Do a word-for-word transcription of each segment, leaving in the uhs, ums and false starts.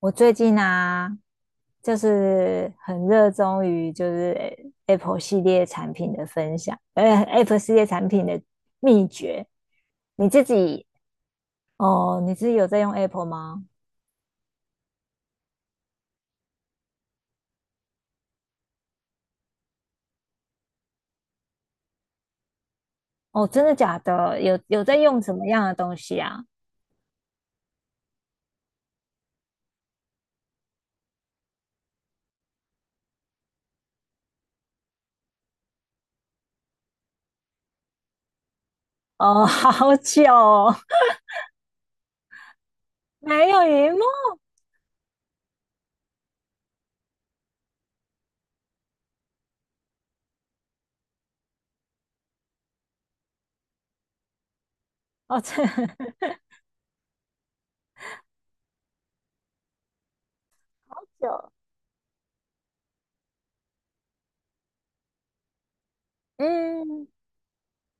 我最近啊，就是很热衷于就是 Apple 系列产品的分享，呃，Apple 系列产品的秘诀。你自己哦，你自己有在用 Apple 吗？哦，真的假的？有有在用什么样的东西啊？哦，好久哦 没有荧幕哦，这 好久。嗯，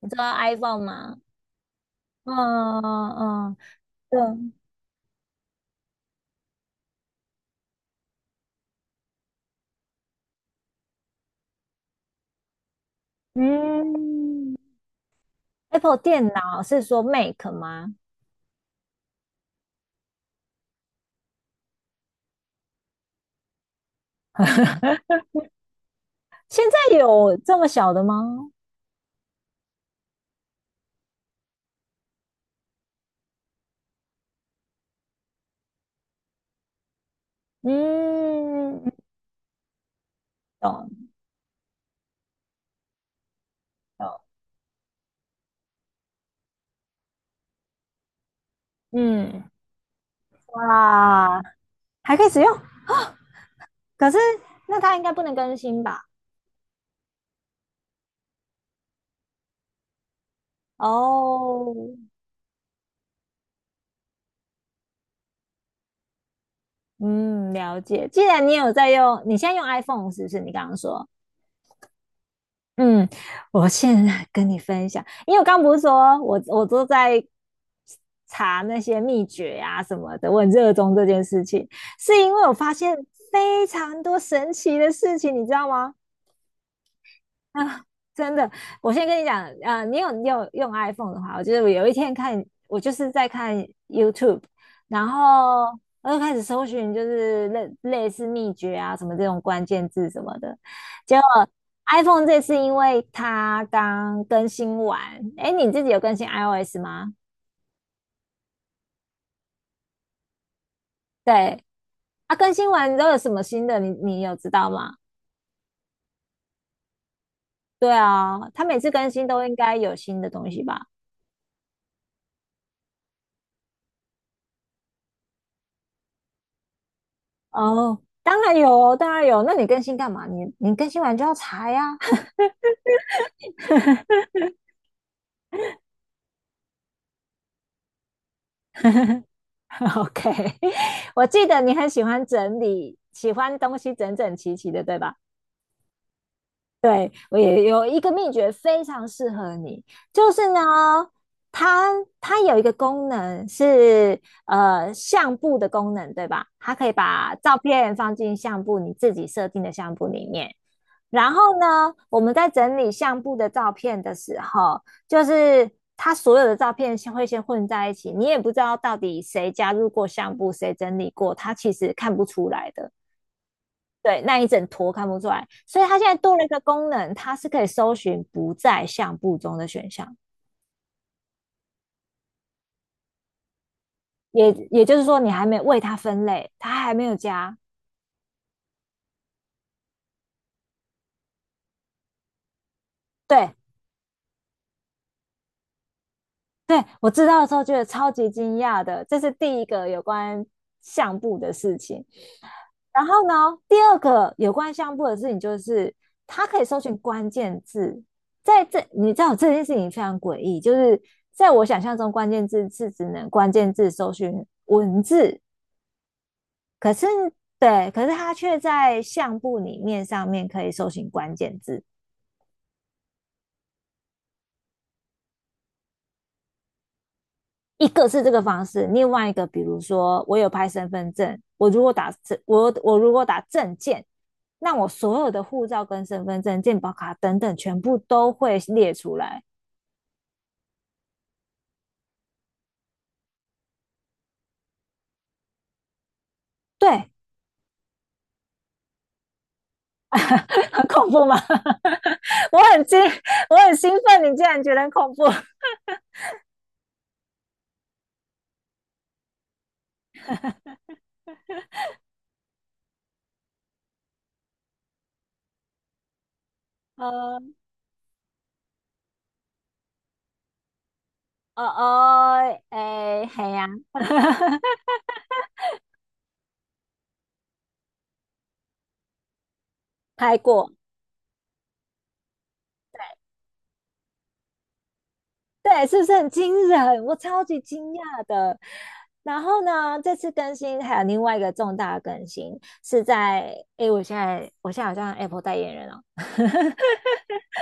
你知道 iPhone 吗？嗯嗯，对，嗯。嗯 Apple 电脑是说 Mac 吗？现在有这么小的吗？嗯，懂懂，嗯，哇，还可以使用，可是那它应该不能更新吧？哦，嗯，了解。既然你有在用，你现在用 iPhone 是不是？你刚刚说，嗯，我现在跟你分享。因为我刚不是说我我都在查那些秘诀啊什么的，我很热衷这件事情，是因为我发现非常多神奇的事情，你知道吗？啊，真的，我先跟你讲，啊，你有你有用 iPhone 的话，我就得我有一天看，我就是在看 YouTube，然后我就开始搜寻，就是类类似秘诀啊什么这种关键字什么的。结果 iPhone 这次因为它刚更新完，哎，你自己有更新 iOS 吗？对，啊，更新完都有什么新的？你你有知道吗？对啊，它每次更新都应该有新的东西吧？哦，当然有哦当然有。那你更新干嘛？你你更新完就要查呀。OK，我记得你很喜欢整理，喜欢东西整整齐齐的，对吧？对，我也有一个秘诀非常适合你，就是呢，它它有一个功能是呃相簿的功能，对吧？它可以把照片放进相簿，你自己设定的相簿里面。然后呢，我们在整理相簿的照片的时候，就是它所有的照片先会先混在一起，你也不知道到底谁加入过相簿，谁整理过，它其实看不出来的。对，那一整坨看不出来，所以它现在多了一个功能，它是可以搜寻不在相簿中的选项，也也就是说，你还没为它分类，它还没有加。对，对我知道的时候觉得超级惊讶的，这是第一个有关相簿的事情。然后呢，第二个有关相簿的事情就是它可以搜寻关键字，在这你知道这件事情非常诡异，就是在我想象中，关键字是只能关键字搜寻文字。可是对，可是他却在相簿里面上面可以搜寻关键字。一个是这个方式，另外一个比如说我有拍身份证，我如果打证，我我如果打证件，那我所有的护照跟身份证、健保卡等等，全部都会列出来。对 很恐怖吗 我很惊，我很兴奋，你竟然觉得很恐怖？呃，哦哦，哎，嘿呀 拍过，对，是不是很惊人？我超级惊讶的。然后呢，这次更新还有另外一个重大的更新是在，诶，我现在我现在好像 Apple 代言人哦。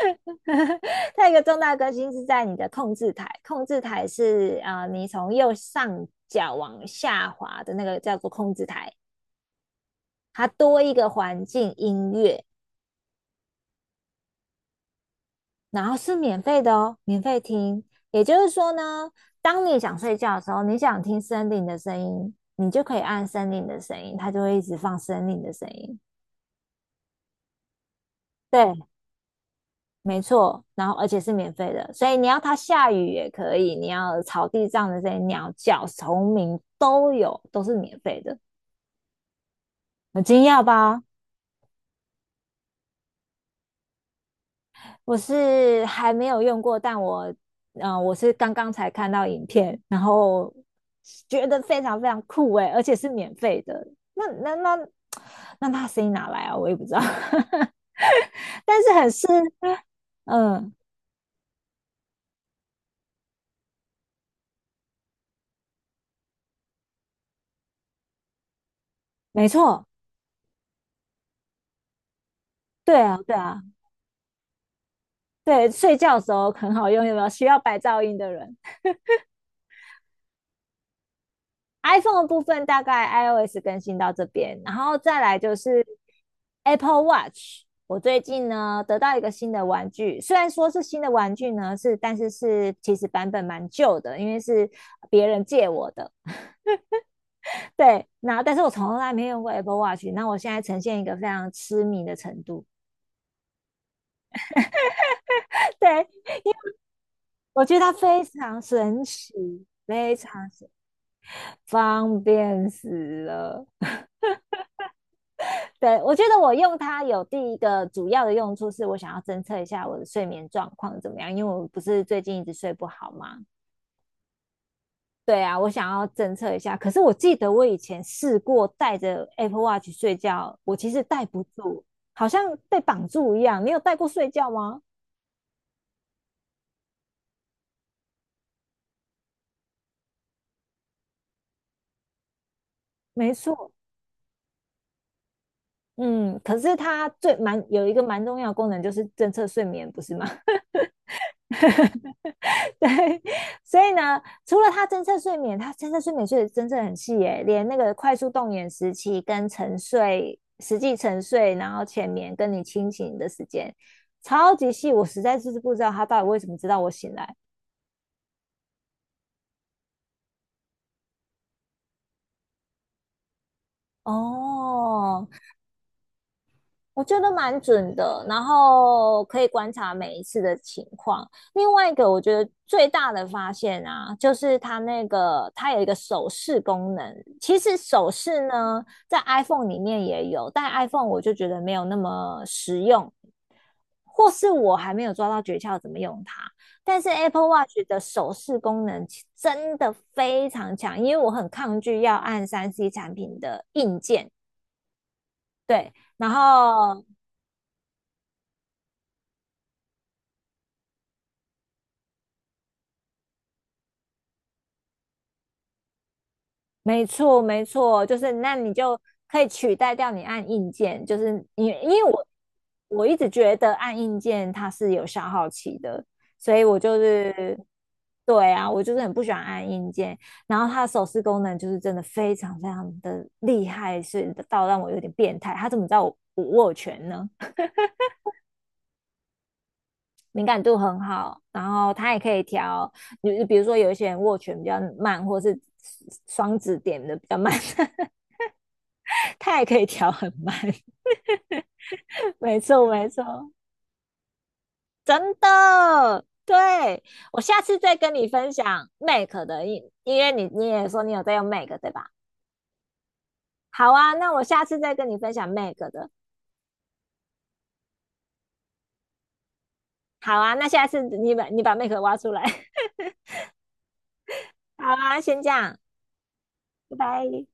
它有一个重大的更新是在你的控制台，控制台是啊、呃你从右上角往下滑的那个叫做控制台，它多一个环境音乐，然后是免费的哦，免费听。也就是说呢，当你想睡觉的时候，你想听森林的声音，你就可以按森林的声音，它就会一直放森林的声音。对，没错。然后而且是免费的，所以你要它下雨也可以，你要草地上的这些鸟叫、虫鸣都有，都是免费的。很惊讶吧？我是还没有用过，但我，嗯、我是刚刚才看到影片，然后觉得非常非常酷诶，而且是免费的。那那那 那那声音哪来啊？我也不知道，但是很适，嗯，没错，对啊，对啊，对，睡觉的时候很好用，有没有需要白噪音的人？iPhone 的部分大概 iOS 更新到这边，然后再来就是 Apple Watch。我最近呢得到一个新的玩具，虽然说是新的玩具呢，是但是是其实版本蛮旧的，因为是别人借我的。对，那但是我从来没用过 Apple Watch，那我现在呈现一个非常痴迷的程度。对，我觉得它非常神奇，非常神方便死了。对，我觉得我用它有第一个主要的用处是我想要侦测一下我的睡眠状况怎么样，因为我不是最近一直睡不好嘛。对啊，我想要侦测一下。可是我记得我以前试过带着 Apple Watch 睡觉，我其实戴不住，好像被绑住一样。你有戴过睡觉吗？没错，嗯。可是它最蛮有一个蛮重要的功能就是侦测睡眠，不是吗？对，所以呢，除了他侦测睡眠，他侦测睡眠睡得真正很细耶，连那个快速动眼时期跟沉睡、实际沉睡，然后浅眠跟你清醒的时间，超级细，我实在是不知道他到底为什么知道我醒来。哦，我觉得蛮准的，然后可以观察每一次的情况。另外一个，我觉得最大的发现啊，就是它那个它有一个手势功能。其实手势呢，在 iPhone 里面也有，但 iPhone 我就觉得没有那么实用，或是我还没有抓到诀窍怎么用它。但是 Apple Watch 的手势功能真的非常强，因为我很抗拒要按三 C 产品的硬件。对，然后没错，没错，就是那你就可以取代掉你按硬件，就是你，因为我我一直觉得按硬件它是有消耗期的，所以我就是对啊，我就是很不喜欢按硬件。然后它的手势功能就是真的非常非常的厉害，是到让我有点变态。它怎么知道我我握拳呢？敏感度很好，然后它也可以调，比比如说有一些人握拳比较慢，或是双指点的比较慢。它也可以调很慢。没错，没错，真的。对，我下次再跟你分享 m a k 的，因因为你你也说你有在用 m a k 对吧？好啊，那我下次再跟你分享 m a k 的。好啊，那下次你把你把 m a k 挖出来。好啊，先这样，拜拜。